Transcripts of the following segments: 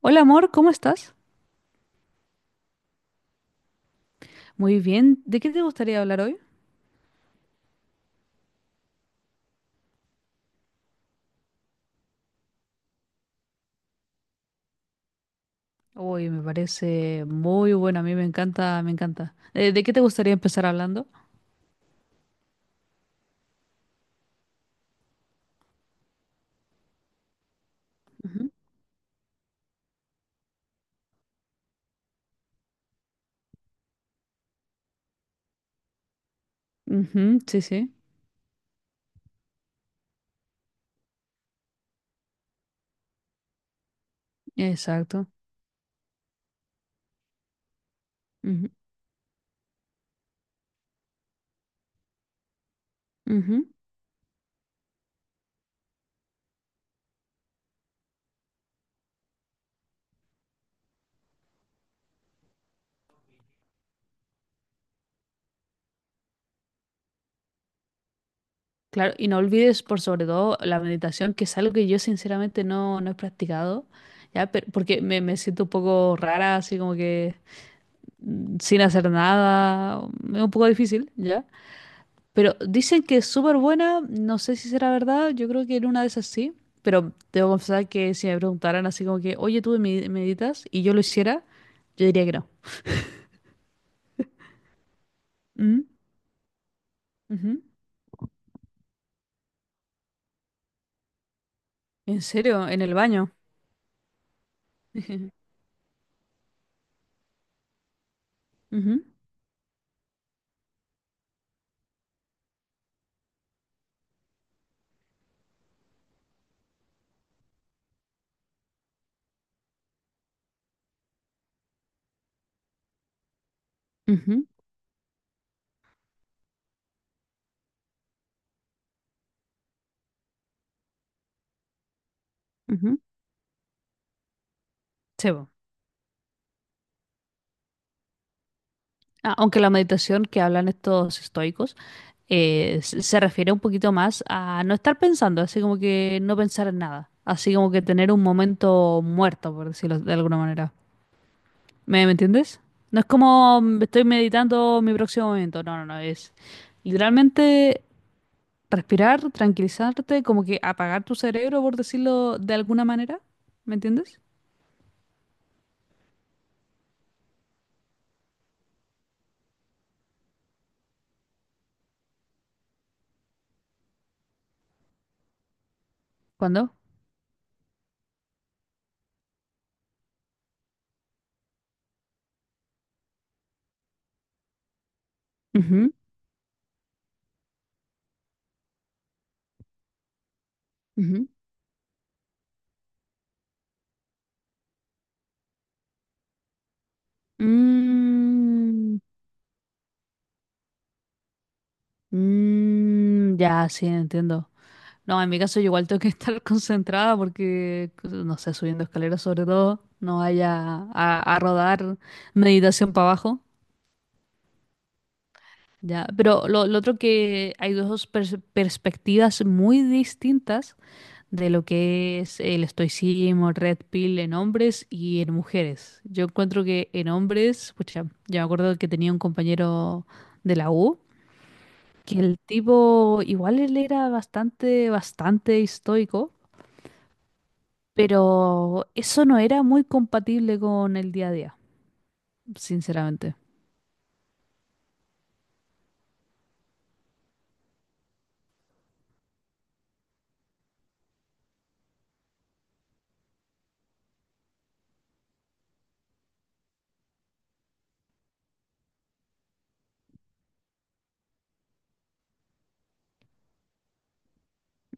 Hola amor, ¿cómo estás? Muy bien. ¿De qué te gustaría hablar hoy? Uy, me parece muy bueno. A mí me encanta, me encanta. ¿De qué te gustaría empezar hablando? Ujú. Ujú, sí, sí. Exacto. Ujú, ujú. Claro, y no olvides por sobre todo la meditación, que es algo que yo sinceramente no, no he practicado, ya, pero, porque me siento un poco rara, así como que sin hacer nada, es un poco difícil, ¿ya? Pero dicen que es súper buena, no sé si será verdad, yo creo que en una de esas sí, pero debo confesar que si me preguntaran así como que, oye, tú meditas y yo lo hiciera, yo diría que no. Mm, ujú. ¿En serio? ¿En el baño? Ujú, ujú, ujú. Sí, po. Ah, aunque la meditación que hablan estos estoicos se refiere un poquito más a no estar pensando, así como que no pensar en nada, así como que tener un momento muerto, por decirlo de alguna manera. ¿Me entiendes? No es como estoy meditando mi próximo momento, no, no, no, es literalmente respirar, tranquilizarte, como que apagar tu cerebro, por decirlo de alguna manera, ¿me entiendes? ¿Cuándo? Ujú, ujú. Mm, mm, ya, sí, entiendo. No, en mi caso yo igual tengo que estar concentrada porque, no sé, subiendo escaleras sobre todo, no vaya a rodar meditación para abajo. Ya, pero lo otro que hay dos perspectivas muy distintas de lo que es el estoicismo, Red Pill en hombres y en mujeres. Yo encuentro que en hombres, pucha, yo me acuerdo que tenía un compañero de la U, que el tipo igual él era bastante, bastante estoico, pero eso no era muy compatible con el día a día, sinceramente.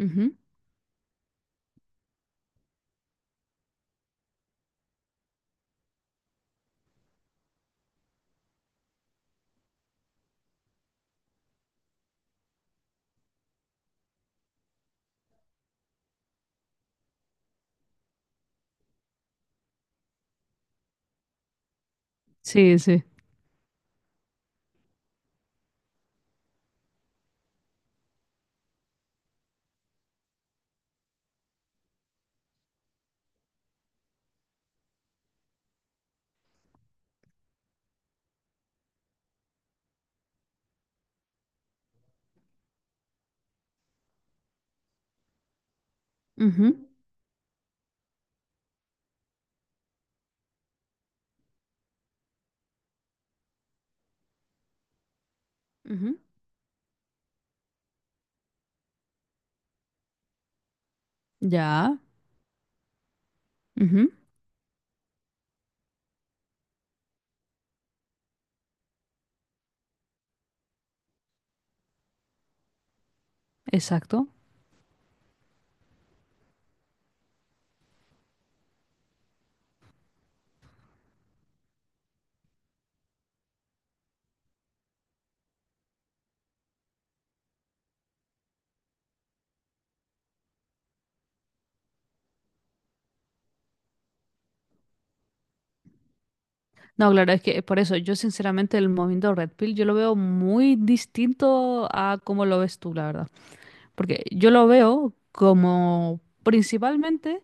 Ujú. Sí, sí. Ujú, ujú. Ya. Exacto. No, claro, es que por eso yo sinceramente el movimiento Red Pill yo lo veo muy distinto a cómo lo ves tú, la verdad. Porque yo lo veo como principalmente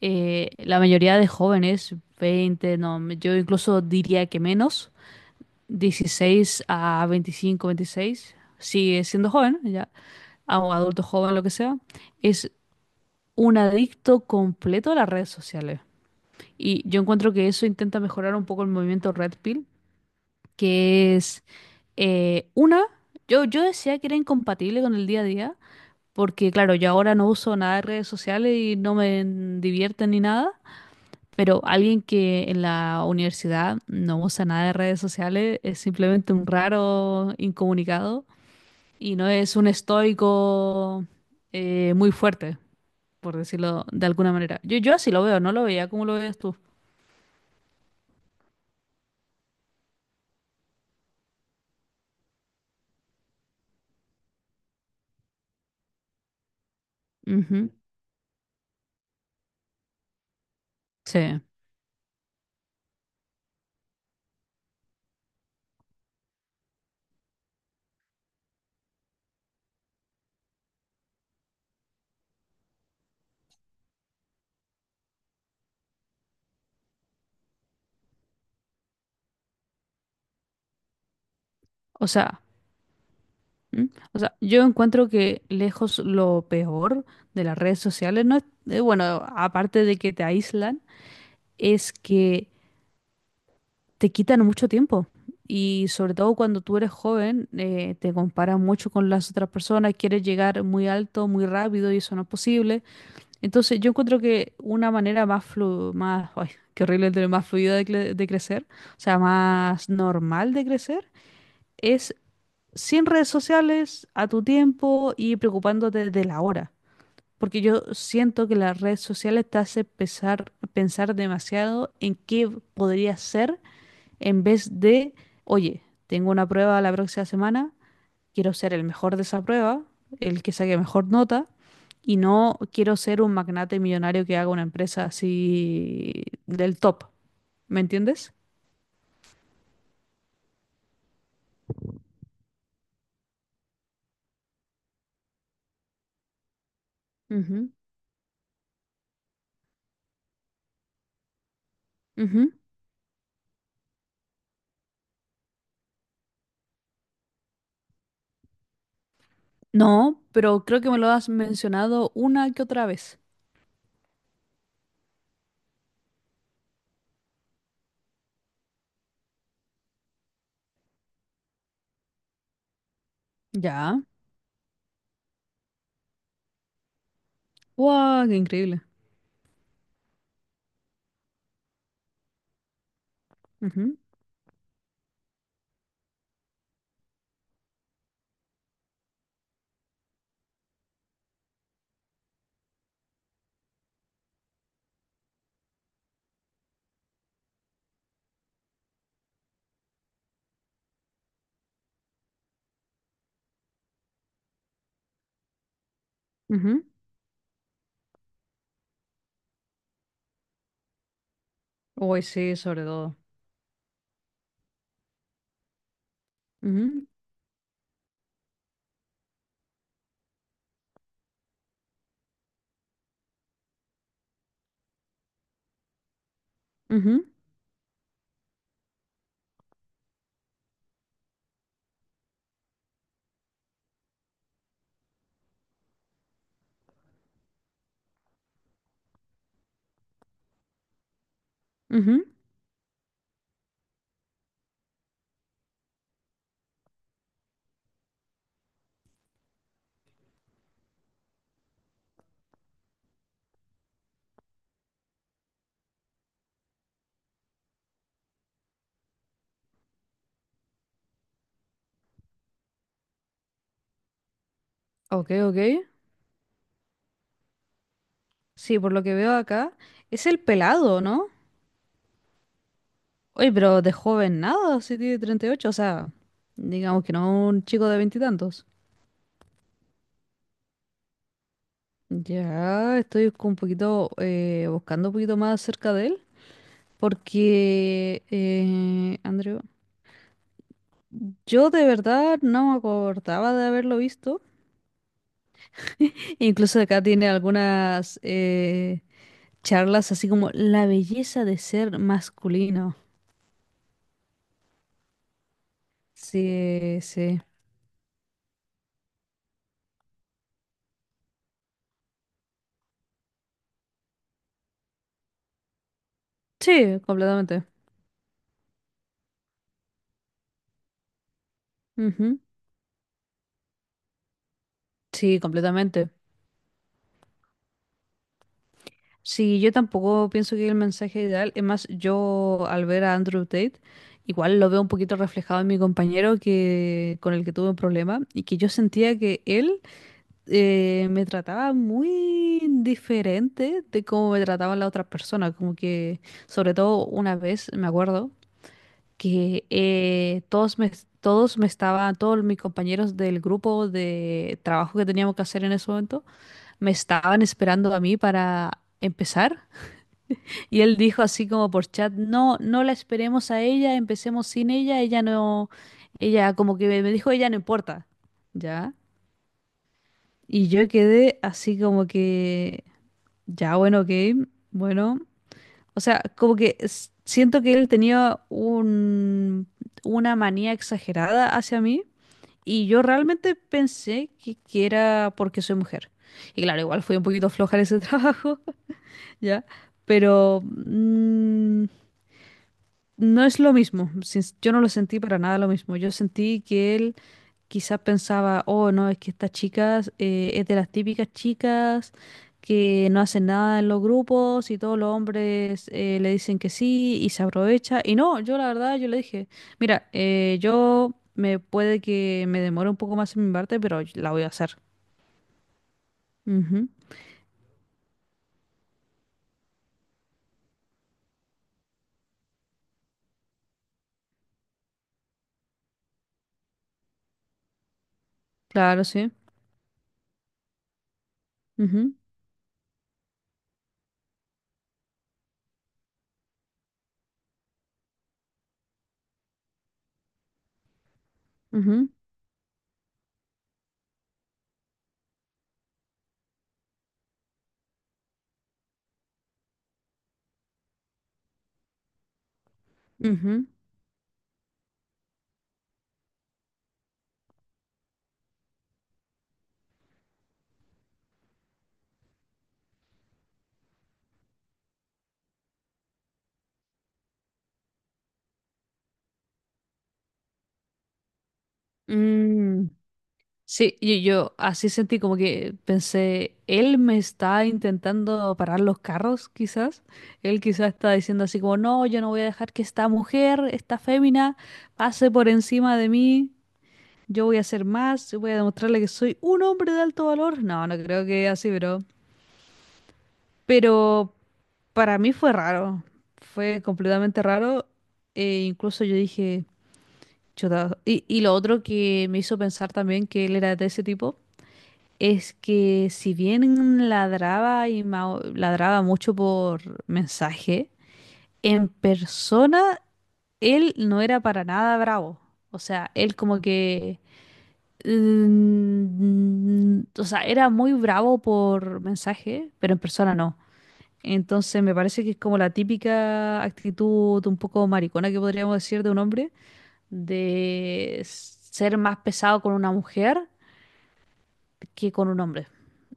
la mayoría de jóvenes, 20, no, yo incluso diría que menos, 16 a 25, 26, sigue siendo joven, ya, o adulto joven, lo que sea, es un adicto completo a las redes sociales. Y yo encuentro que eso intenta mejorar un poco el movimiento Red Pill que es una, yo decía que era incompatible con el día a día, porque claro, yo ahora no uso nada de redes sociales y no me divierten ni nada, pero alguien que en la universidad no usa nada de redes sociales es simplemente un raro incomunicado y no es un estoico muy fuerte, por decirlo de alguna manera. Yo así lo veo, no lo veía como lo veías tú. Ujú, sí. O sea. ¿Mm? O sea, yo encuentro que lejos lo peor de las redes sociales no es, bueno, aparte de que te aíslan, es que te quitan mucho tiempo. Y sobre todo cuando tú eres joven, te comparas mucho con las otras personas, quieres llegar muy alto, muy rápido y eso no es posible. Entonces yo encuentro que una manera más más, ay, qué horrible, el más fluida de, de crecer, o sea, más normal de crecer, es sin redes sociales, a tu tiempo y preocupándote de la hora. Porque yo siento que las redes sociales te hace pensar demasiado en qué podría ser en vez de, oye, tengo una prueba la próxima semana, quiero ser el mejor de esa prueba, el que saque mejor nota, y no quiero ser un magnate millonario que haga una empresa así del top. ¿Me entiendes? Ujú, ujú. No, pero creo que me lo has mencionado una que otra vez. Ya. ¡Wow! ¡Qué increíble! Ujú, ujú. Uy, sí, sobre todo. Ujú, ujú, ujú. Ok, ok. Sí, por lo que veo acá, es el pelado, ¿no? Oye, pero de joven nada, sí tiene 38, o sea, digamos que no un chico de veintitantos. Ya, estoy con un poquito, buscando un poquito más acerca de él, porque, Andrew, yo de verdad no me acordaba de haberlo visto. Incluso acá tiene algunas, charlas así como la belleza de ser masculino. Sí, sí. Sí, completamente. Ujú. Sí, completamente. Sí, yo tampoco pienso que el mensaje ideal, es más, yo al ver a Andrew Tate, igual lo veo un poquito reflejado en mi compañero que con el que tuve un problema y que yo sentía que él me trataba muy diferente de cómo me trataban las otras personas, como que sobre todo una vez, me acuerdo. Que todos mis compañeros del grupo de trabajo que teníamos que hacer en ese momento, me estaban esperando a mí para empezar. Y él dijo así como por chat, no, no la esperemos a ella, empecemos sin ella, ella no, ella como que me dijo, ella no importa, ¿ya? Y yo quedé así como que, ya, bueno, ok, bueno. O sea, como que siento que él tenía una manía exagerada hacia mí y yo realmente pensé que era porque soy mujer. Y claro, igual fui un poquito floja en ese trabajo, ¿ya? Pero no es lo mismo. Yo no lo sentí para nada lo mismo. Yo sentí que él quizás pensaba, oh, no, es que estas chicas es de las típicas chicas que no hacen nada en los grupos y todos los hombres le dicen que sí y se aprovecha. Y no, yo la verdad, yo le dije, mira, yo me puede que me demore un poco más en mi parte, pero la voy a hacer. Ujú, claro, sí. Ujú, ujú, ujú. Mm, sí, y yo así sentí como que pensé, él me está intentando parar los carros, quizás. Él quizás está diciendo así como, no, yo no voy a dejar que esta mujer, esta fémina, pase por encima de mí. Yo voy a hacer más, yo voy a demostrarle que soy un hombre de alto valor. No, no creo que así, pero... Pero para mí fue raro, fue completamente raro. E incluso yo dije, chuta. Y lo otro que me hizo pensar también que él era de ese tipo. Es que si bien ladraba y ladraba mucho por mensaje, en persona él no era para nada bravo. O sea, él como que... o sea, era muy bravo por mensaje, pero en persona no. Entonces me parece que es como la típica actitud un poco maricona que podríamos decir de un hombre, de ser más pesado con una mujer que con un hombre.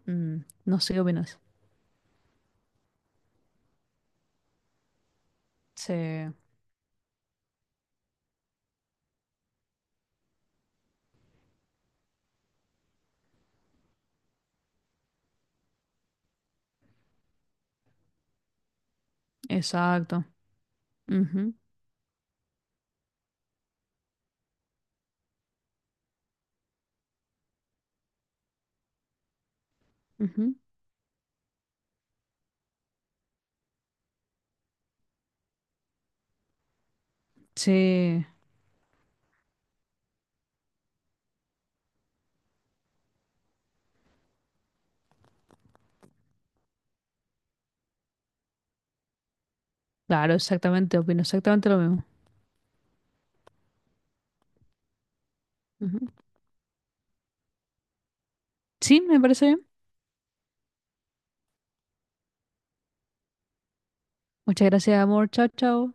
Mm, no sé qué opinas. Sí, exacto. Ujú, ujú. Sí, claro, exactamente, opino exactamente lo mismo. Ujú. Sí, me parece bien. Muchas gracias, amor. Chao, chao.